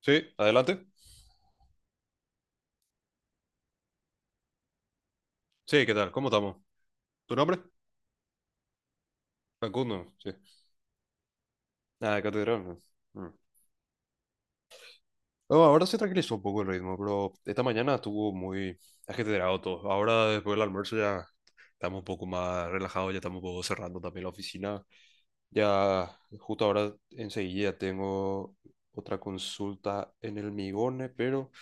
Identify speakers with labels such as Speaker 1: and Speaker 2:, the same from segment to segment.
Speaker 1: Sí, adelante. Sí, ¿qué tal? ¿Cómo estamos? ¿Tu nombre? Facundo, sí. Ah, de Catedral, ¿no? Mm. No, ahora se tranquilizó un poco el ritmo, pero esta mañana estuvo muy ajetreado todo. Ahora, después del almuerzo, ya estamos un poco más relajados, ya estamos un poco cerrando también la oficina. Ya, justo ahora, enseguida tengo otra consulta en el Migone, pero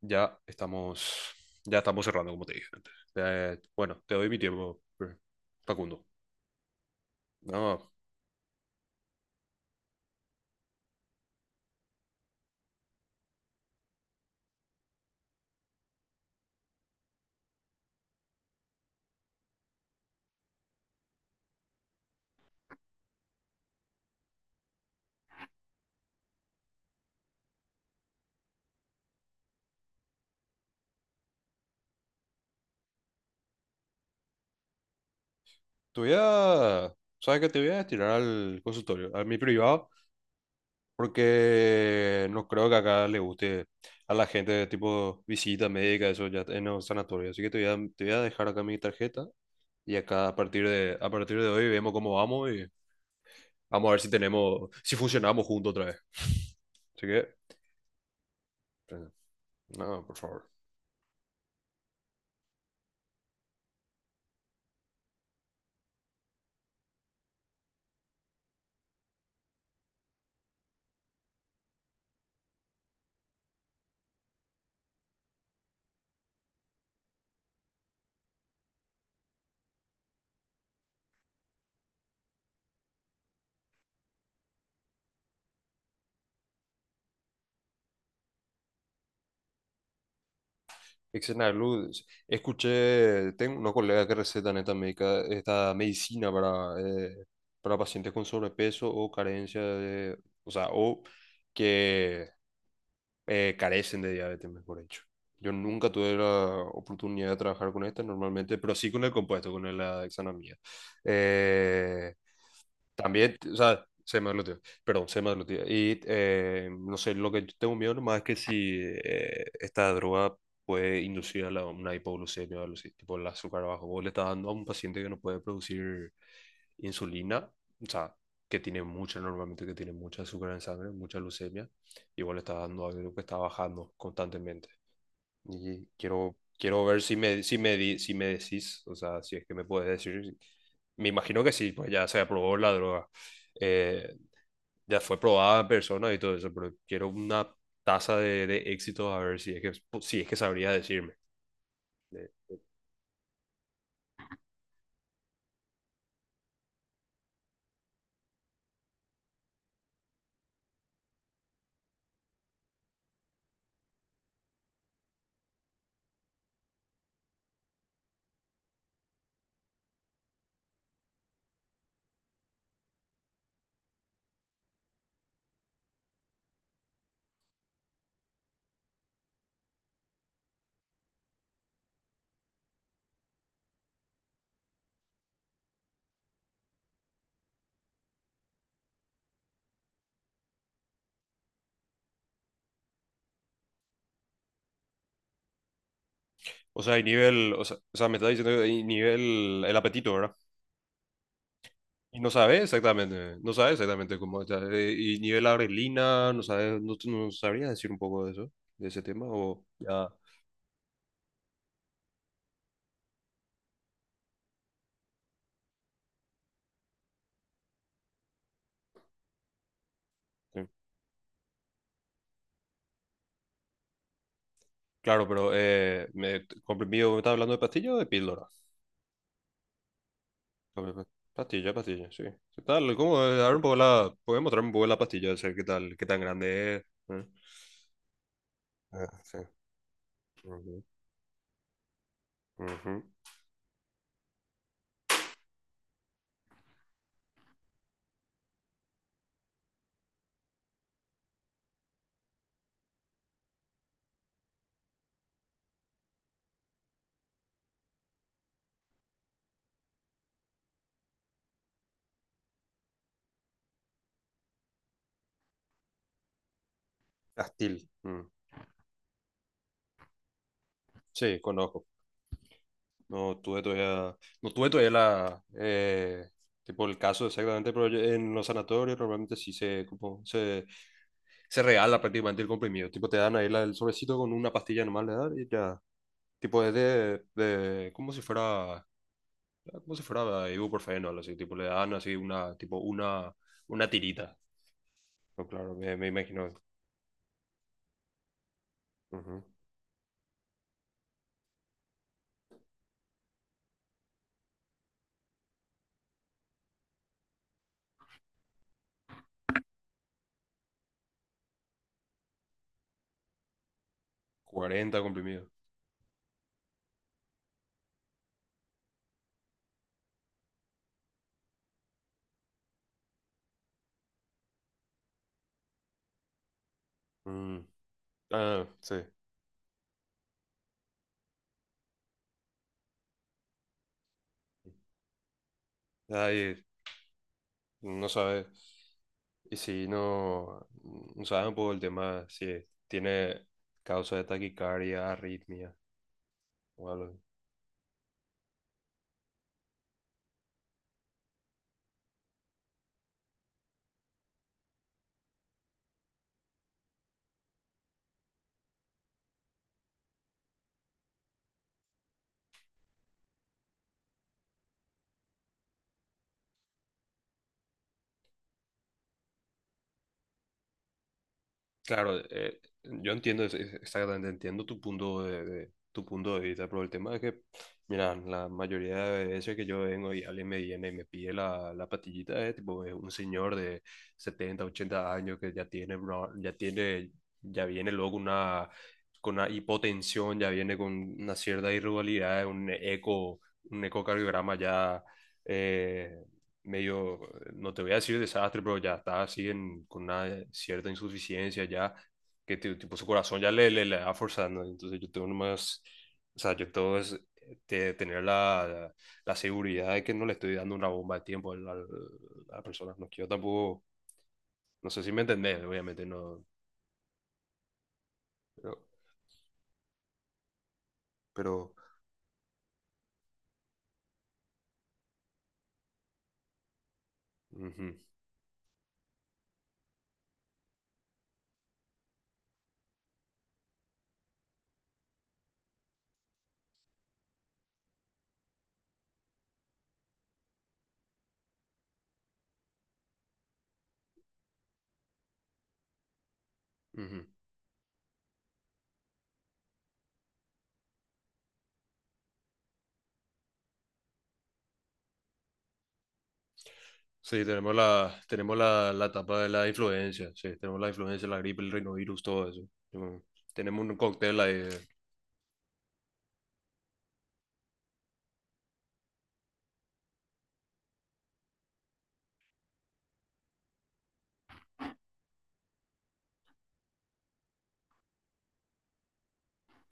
Speaker 1: ya estamos, ya estamos cerrando, como te dije antes. Bueno, te doy mi tiempo, Facundo. No, Te voy a, ¿sabes qué? Te voy a destinar al consultorio, a mi privado, porque no creo que acá le guste a la gente, tipo visita médica, eso ya en un sanatorio. Así que te voy a dejar acá mi tarjeta y acá a partir de hoy vemos cómo vamos y vamos a ver si tenemos, si funcionamos juntos otra vez. Así que, eh, no, por favor. Excelente, escuché, tengo una colega que receta esta, médica, esta medicina para pacientes con sobrepeso o carencia de, o sea, o que carecen de diabetes, mejor dicho. Yo nunca tuve la oportunidad de trabajar con esta normalmente, pero sí con el compuesto, con la dexanamida. Eh, También, o sea, se me semaglutida, perdón, se me semaglutida. Y no sé, lo que yo tengo miedo nomás es que si esta droga puede inducir a una hipoglucemia o algo así, tipo el azúcar bajo. Vos le estás dando a un paciente que no puede producir insulina, o sea, que tiene mucha, normalmente que tiene mucha azúcar en sangre, mucha leucemia igual está dando algo que está bajando constantemente. Y quiero ver si me, si me decís, o sea, si es que me puedes decir. Me imagino que sí, pues ya se aprobó la droga. Eh, ya fue probada en persona y todo eso, pero quiero una tasa de éxito a ver si es que sabría decirme. De- de- O sea, hay nivel, o sea, me está diciendo que hay nivel, el apetito, ¿verdad? Y no sabes exactamente cómo está. Y nivel adrenalina, no sabes, no sabrías decir un poco de eso, de ese tema, o ya. eh, Claro, pero comprimido, ¿me estás hablando de pastillas o de píldora? Sobre pa- Pastilla, pastilla, sí. ¿Qué tal? ¿Cómo? A ver un poco la, ¿puedes mostrarme un poco la pastilla? O sea, ¿qué tal? ¿Qué tan grande es? ¿Eh? Ah, sí. Ujú, ujú. Astil. Mm. Sí, conozco. No tuve todavía la, tipo el caso exactamente, pero en los sanatorios normalmente sí se, como, se regala prácticamente el comprimido. Tipo, te dan ahí el sobrecito con una pastilla normal de dar y ya. Tipo, es como si fuera ibuprofeno, algo así. Tipo, le dan así una, tipo, una tirita. No claro, me imagino. Ujú. 40 comprimidos. Mm. Ah, sí. Ahí no sabes. Y si no, no sabes un poco el tema, si tiene causa de taquicardia, arritmia o algo. Claro, yo entiendo, exactamente entiendo tu punto de tu punto de vista, pero el tema es que, mira, la mayoría de veces que yo vengo y alguien me viene y me pide la, la pastillita, es tipo es un señor de 70, 80 años que ya tiene, ya viene luego con una hipotensión, ya viene con una cierta irregularidad, un ecocardiograma ya eh, medio, no te voy a decir desastre, pero ya está así con una cierta insuficiencia ya, que tipo su corazón ya le va forzando. Entonces yo tengo nomás, o sea, yo tengo es tener la seguridad de que no le estoy dando una bomba de tiempo a la persona. No quiero tampoco, no sé si me entendés, obviamente no, pero... pero ujú, ujú. Sí, tenemos la etapa de la influencia, sí, tenemos la influencia, la gripe, el rinovirus, todo eso. Yo- Tenemos un cóctel ahí.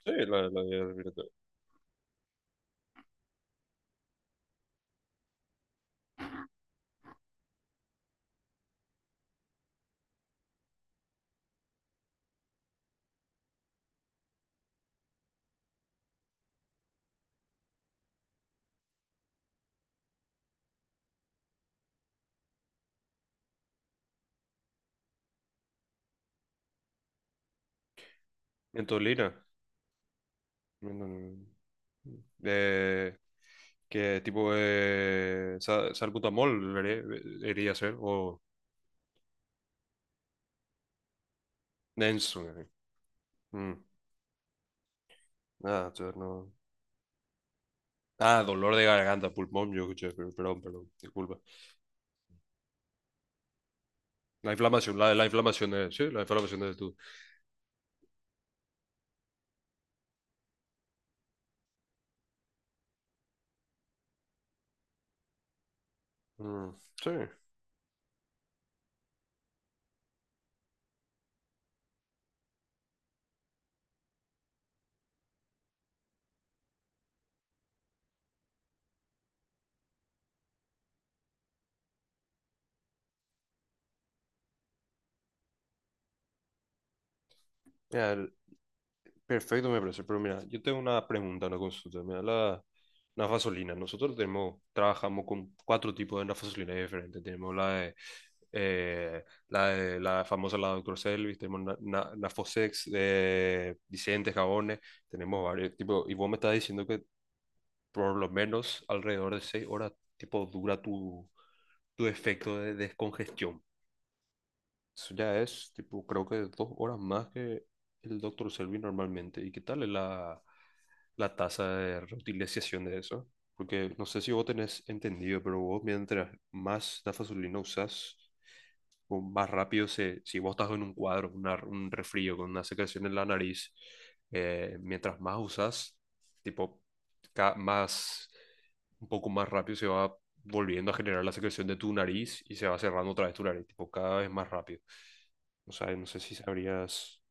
Speaker 1: Sí, la de Pirata. Mentolina. Mentol- Eh, que tipo de salbutamol debería ser o denso. Mm, ah, yo no. Ah, dolor de garganta, pulmón, yo escuché, perdón, perdón, disculpa. La inflamación, la inflamación es, sí, la inflamación es tú. Mm, sí. Mira, perfecto me parece, pero mira, yo tengo una pregunta, una consulta. Mira, la nafazolina. Nosotros trabajamos con cuatro tipos de nafazolina diferentes. Tenemos la de, la famosa, la doctor Selvis, tenemos Nafosex, Vicente, jabones, tenemos varios tipos. Y vos me estás diciendo que por lo menos alrededor de 6 horas, tipo, dura tu efecto de descongestión. Eso ya es, tipo, creo que 2 horas más que el doctor Selby normalmente. ¿Y qué tal es la tasa de reutilización de eso? Porque no sé si vos tenés entendido, pero vos mientras más dafasolina usás, o más rápido si vos estás con un cuadro, un resfrío, con una secreción en la nariz, mientras más usas, tipo, más, un poco más rápido se va volviendo a generar la secreción de tu nariz y se va cerrando otra vez tu nariz, tipo, cada vez más rápido. O sea, no sé si sabrías.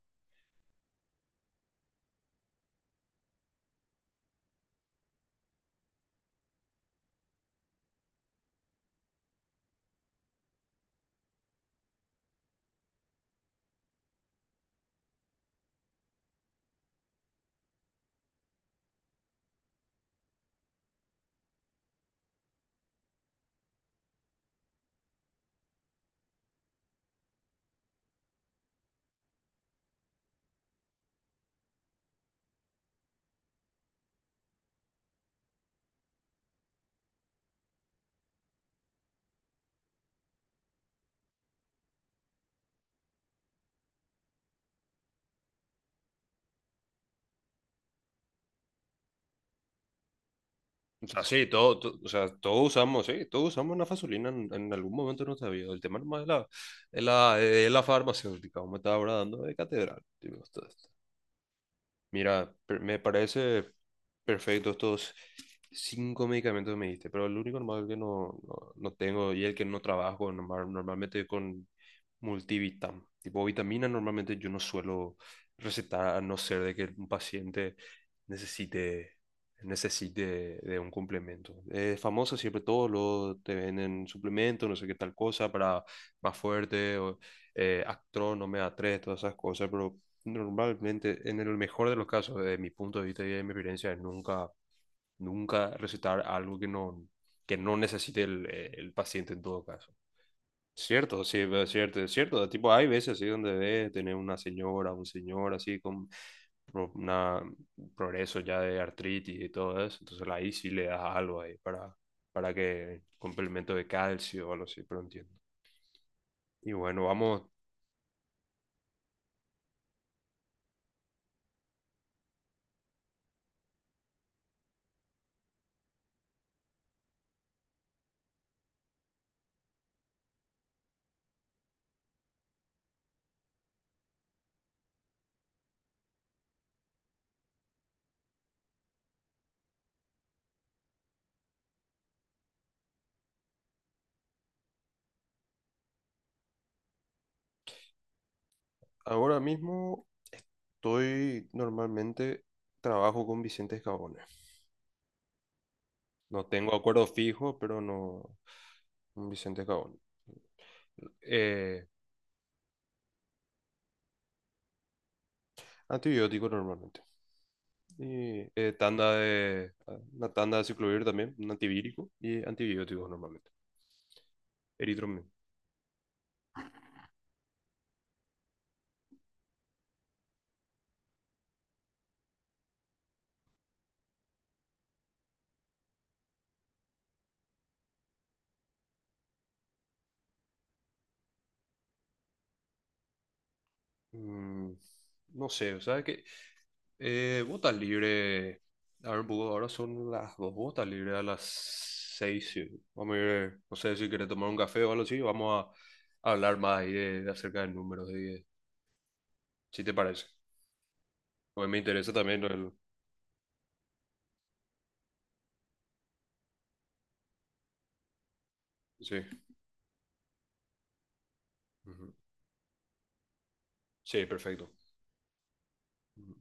Speaker 1: O sea, sí, o sea, todos usamos, sí, todos usamos la fasolina en algún momento de nuestra vida. El tema nomás es la, es la farmacéutica, como me estaba ahora dando de catedral. Tipo, esto. Mira, me parece perfecto estos cinco medicamentos que me diste, pero el único normal que no, no, no tengo y el que no trabajo normalmente con multivitam. Tipo vitaminas normalmente yo no suelo recetar a no ser de que un paciente necesite, necesite de un complemento. Es famoso siempre todo, lo te venden suplementos, no sé qué tal cosa, para más fuerte, o, Actro, Omega 3, todas esas cosas, pero normalmente, en el mejor de los casos, desde mi punto de vista y de mi experiencia, es nunca, nunca recetar algo que no necesite el paciente en todo caso. Cierto, sí, es cierto, es cierto. Tipo, hay veces así donde ves tener una señora, un señor así con una progreso ya de artritis y todo eso. Entonces ahí sí le das algo ahí para que complemento de calcio o algo así, pero no entiendo. Y bueno, vamos. Ahora mismo estoy normalmente trabajo con Vicente Escabone. No tengo acuerdo fijo, pero no con Vicente Escabone. Eh, Antibiótico normalmente. Y una tanda de ciclovir también, un antivírico y antibióticos normalmente. Eritromin. Mm, no sé, o sea que. Vota libre. A ver, Bugo, ahora son las dos botas libres a las seis. Sí. Vamos a ir, no sé si quieres tomar un café o algo así. Vamos a hablar más ahí de acerca de números, de, si te parece. Porque me interesa también el. Sí. Ujú. Sí, perfecto. Ujú.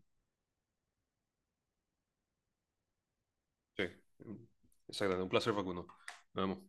Speaker 1: Sí. Exactamente. Un placer, Facundo. Nos vemos.